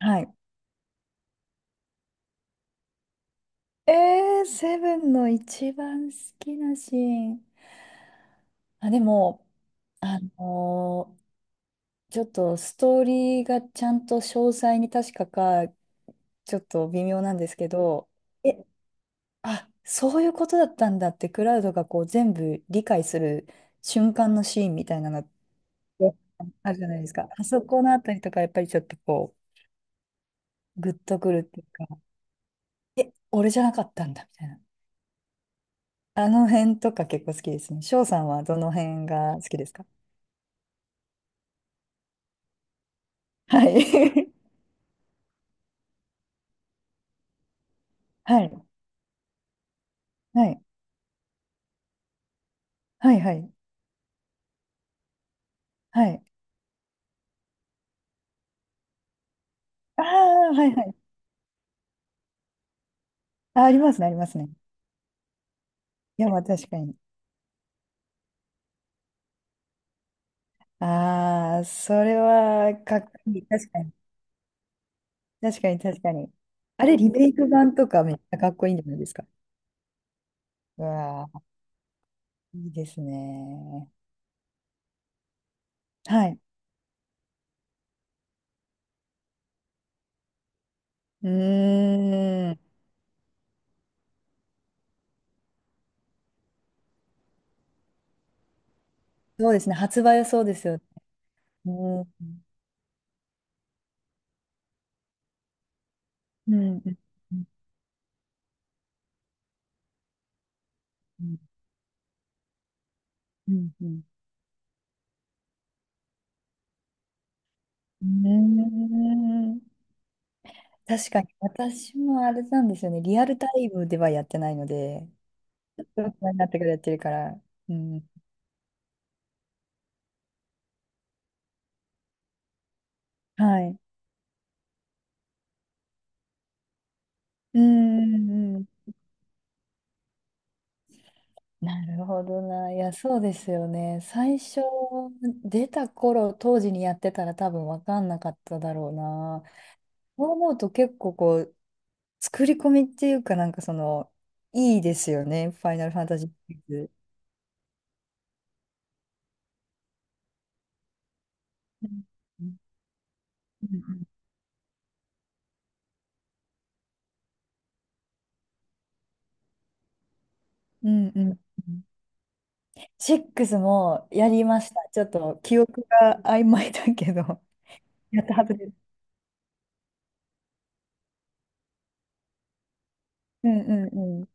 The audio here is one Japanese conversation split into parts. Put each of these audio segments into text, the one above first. はい。セブンの一番好きなシーン。あ、でも、あのーちょっとストーリーがちゃんと詳細に確かか、ちょっと微妙なんですけど、え、あ、そういうことだったんだって、クラウドがこう全部理解する瞬間のシーンみたいなのってあるじゃないですか。あそこのあたりとか、やっぱりちょっとこう、グッとくるっていうか、え、俺じゃなかったんだみたいな。あの辺とか結構好きですね。翔さんはどの辺が好きですか？はい。はい。はい。はい。はい。はい。ああ、はいはい。あ、ありますね、ありますね。いや、まあ確かに。ああ、それはかっこいい。確かに。確かに、確かに。あれ、リメイク版とかめっちゃかっこいいんじゃないですか？うわあ、いいですね。はい。うーん。そうですね。発売はそうですよね。うん。うん。うん。うん。うん。うん。うん。確かに、私もあれなんですよね。リアルタイムではやってないので、大人になってからやってるから。うん。はい。うんうんうん。なるほどな。いや、そうですよね。最初、出た頃、当時にやってたら多分分かんなかっただろうな。そう思うと結構こう、作り込みっていうかなんかその、いいですよね。ファイナルファンタジーシリーズ。うんうんうんうん。うんうん。6もやりました。ちょっと記憶が曖昧だけど、やったはずです。うんうんうん。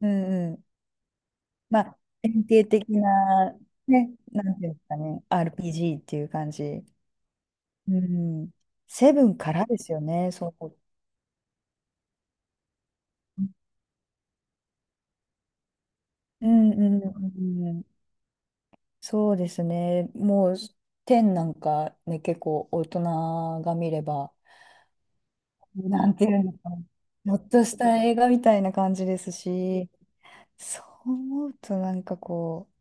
うんうん。まあ、典型的な、ね、なんていうんですかね、RPG っていう感じ。うん。セブンからですよね、そう。うんうんうんうん。そうですね。もう、10なんかね、結構大人が見れば、なんていうのかな、ちょっとした映画みたいな感じですし、そう思うとなんかこう、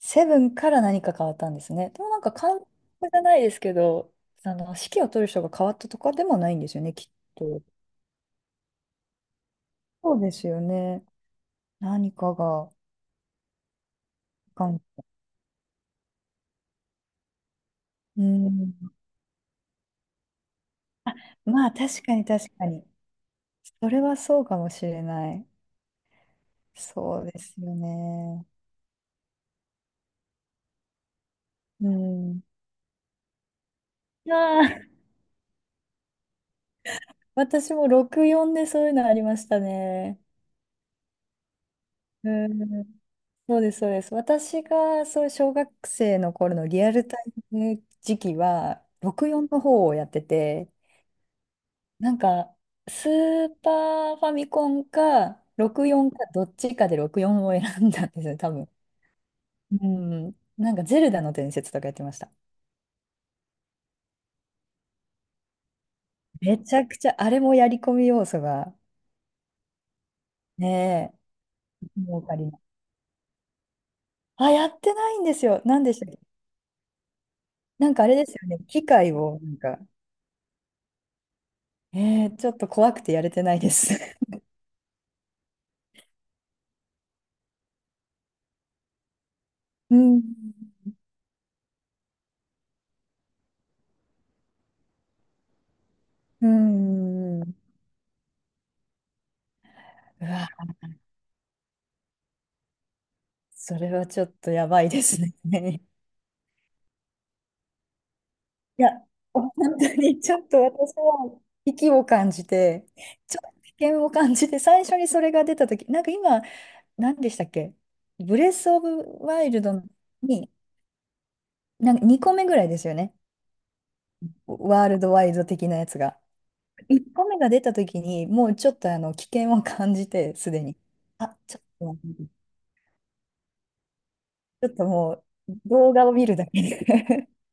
セブンから何か変わったんですね。でもなんか監督じゃないですけど、あの、指揮を取る人が変わったとかでもないんですよね、きっと。そうですよね。何かが、かん、うん。まあ確かに確かに。それはそうかもしれない。そうですよね。うん。ああ、私も64でそういうのありましたね。うん。そうです、そうです。私がそう小学生の頃のリアルタイム時期は64の方をやってて、なんかスーパーファミコンか64かどっちかで64を選んだんですね、多分。うん。なんかゼルダの伝説とかやってました。めちゃくちゃあれもやり込み要素がねえ、もうかりない。あ、やってないんですよ。なんでしたっけ？なんかあれですよね。機械をなんか、ちょっと怖くてやれてないです。うん。うーん。うわ、それはちょっとやばいですね。いや、本当にちょっと私は危機を感じて、ちょっと危険を感じて、最初にそれが出たとき、なんか今、何でしたっけ？ブレス・オブ・ワイルドに、なんか2個目ぐらいですよね。ワールドワイド的なやつが。1個目が出たときに、もうちょっとあの危険を感じて、すでに。あ、ちょっと、ちょっともう動画を見るだけで。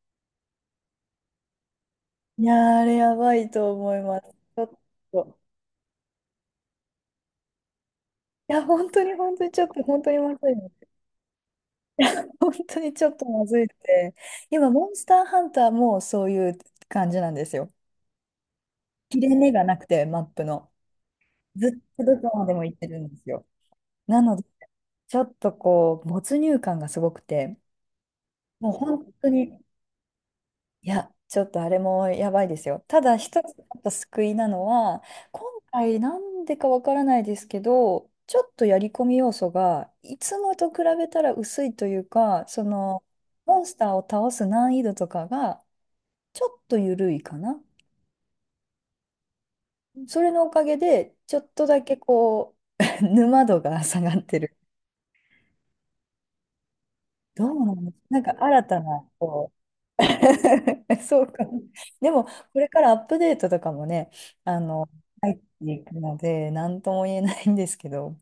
いやー、あれやばいと思います。ちょっと。いや、本当に本当にちょっと、本当にまずいの。本当にちょっとまずいって。今、モンスターハンターもそういう感じなんですよ。切れ目がなくて、マップの。ずっとどこまでも行ってるんですよ。なので、ちょっとこう、没入感がすごくて、もう本当に。いや、ちょっとあれもやばいですよ。ただ一つやっぱ救いなのは、今回なんでかわからないですけど、ちょっとやり込み要素がいつもと比べたら薄いというか、そのモンスターを倒す難易度とかがちょっと緩いかな。それのおかげで、ちょっとだけこう、沼度が下がってる。どうなんです、なんか新たな、こう。 そうかも。でも、これからアップデートとかもね、あの、入っていくので、なんとも言えないんですけど、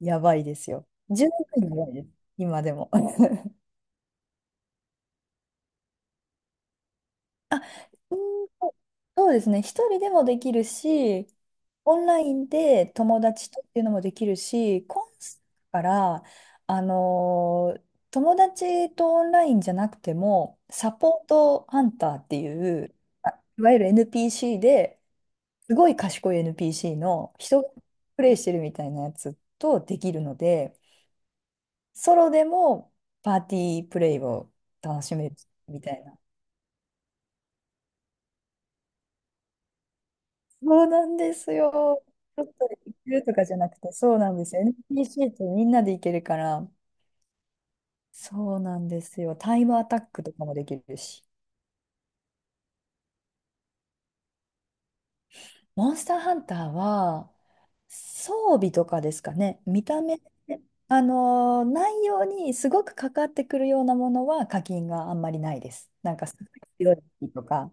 やばいですよ。十分やばいです、今でも。うん。そうですね。一人でもできるし、オンラインで友達とっていうのもできるし、コンサートから、あのー友達とオンラインじゃなくても、サポートハンターっていう、あ、いわゆる NPC で、すごい賢い NPC の人がプレイしてるみたいなやつとできるので、ソロでもパーティープレイを楽しめるみたいな。そうなんですよ。ちょっと行けるとかじゃなくて、そうなんですよ。NPC ってみんなで行けるから、そうなんですよ。タイムアタックとかもできるし。モンスターハンターは、装備とかですかね。見た目、内容にすごくかかってくるようなものは課金があんまりないです。なんか、すごい強い武器とか、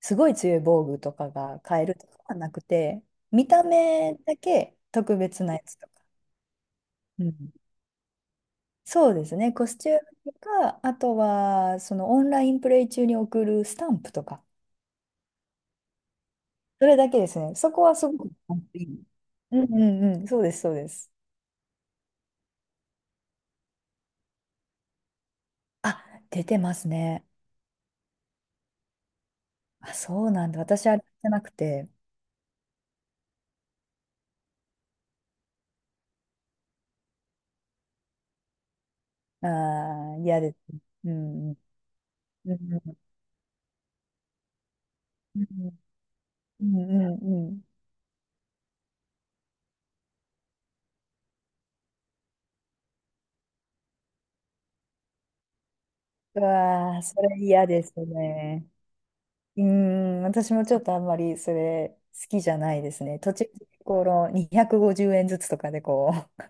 すごい強い防具とかが買えるとかはなくて、見た目だけ特別なやつとか。うん。そうですね、コスチュームとか、あとはそのオンラインプレイ中に送るスタンプとか、それだけですね、そこはすごく簡単でいい。うんうんうん、そうです、そうです。あ、出てますね。あ、そうなんだ、私あれじゃなくて、あー、嫌ですね。うんうんうんうんうんうんうん。うわー、それ嫌ですね。うん、私もちょっとあんまりそれ好きじゃないですね。途中、この250円ずつとかでこう。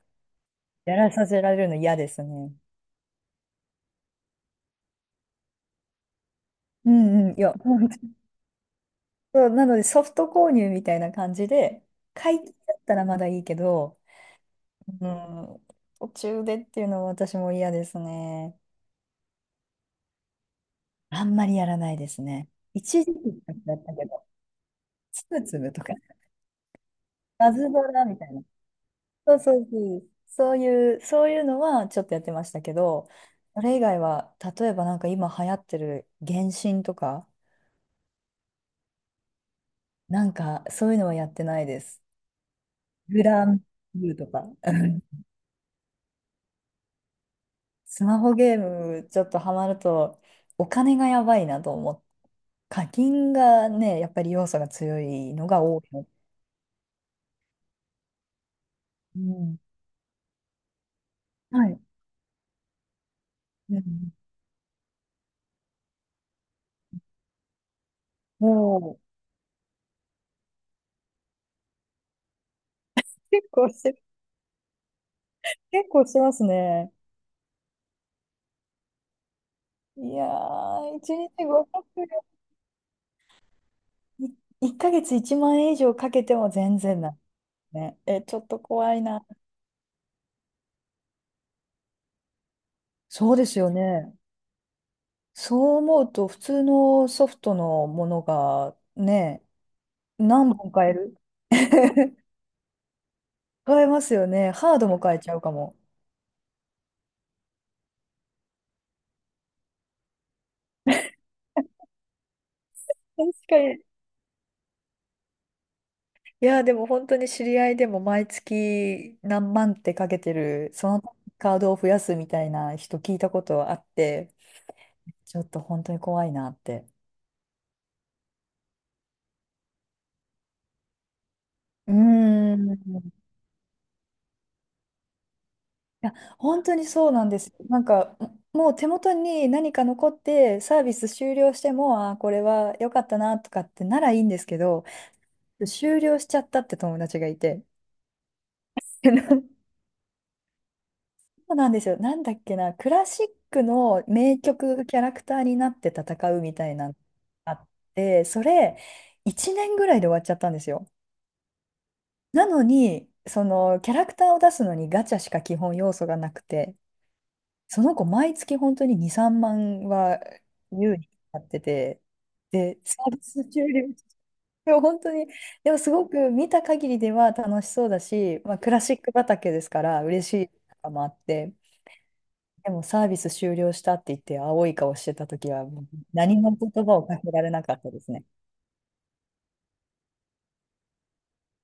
やらさせられるの嫌ですね。うんうん、いや、本当。そうなのでソフト購入みたいな感じで、解禁だったらまだいいけど、うん、途中でっていうのは私も嫌ですね。あんまりやらないですね。一時期だったけど、つぶつぶとか、バズドラみたいな。そうそうそう、そういう、そういうのはちょっとやってましたけど、それ以外は、例えばなんか今流行ってる原神とか、なんかそういうのはやってないです。グランブルーとか。スマホゲームちょっとハマるとお金がやばいなと思って、課金がね、やっぱり要素が強いのが多いの。うん。はい。うん。もう、結構して、結構してますね。いやー、1日500ヶ月1万円以上かけても全然ない。ね。え、ちょっと怖いな。そうですよね。そう思うと、普通のソフトのものがね、何本買える変えますよね。ハードも変えちゃうかも。確かに。いや、でも本当に知り合いでも毎月何万ってかけてる、そのカードを増やすみたいな人聞いたことあって、ちょっと本当に怖いなって。うーん。いや、本当にそうなんです。なんか、もう手元に何か残って、サービス終了しても、あー、これは良かったなとかってならいいんですけど、終了しちゃったって友達がいて。そうなんですよ。なんだっけな、クラシックの名曲キャラクターになって戦うみたいなのがあって、それ1年ぐらいで終わっちゃったんですよ。なのに、そのキャラクターを出すのにガチャしか基本要素がなくて、その子毎月本当に2、3万は優にやってて、で、サービス終了。でも本当に、でもすごく見た限りでは楽しそうだし、まあ、クラシック畑ですから嬉しいとかもあって。でもサービス終了したって言って青い顔してた時はもう何も言葉をかけられなかったですね。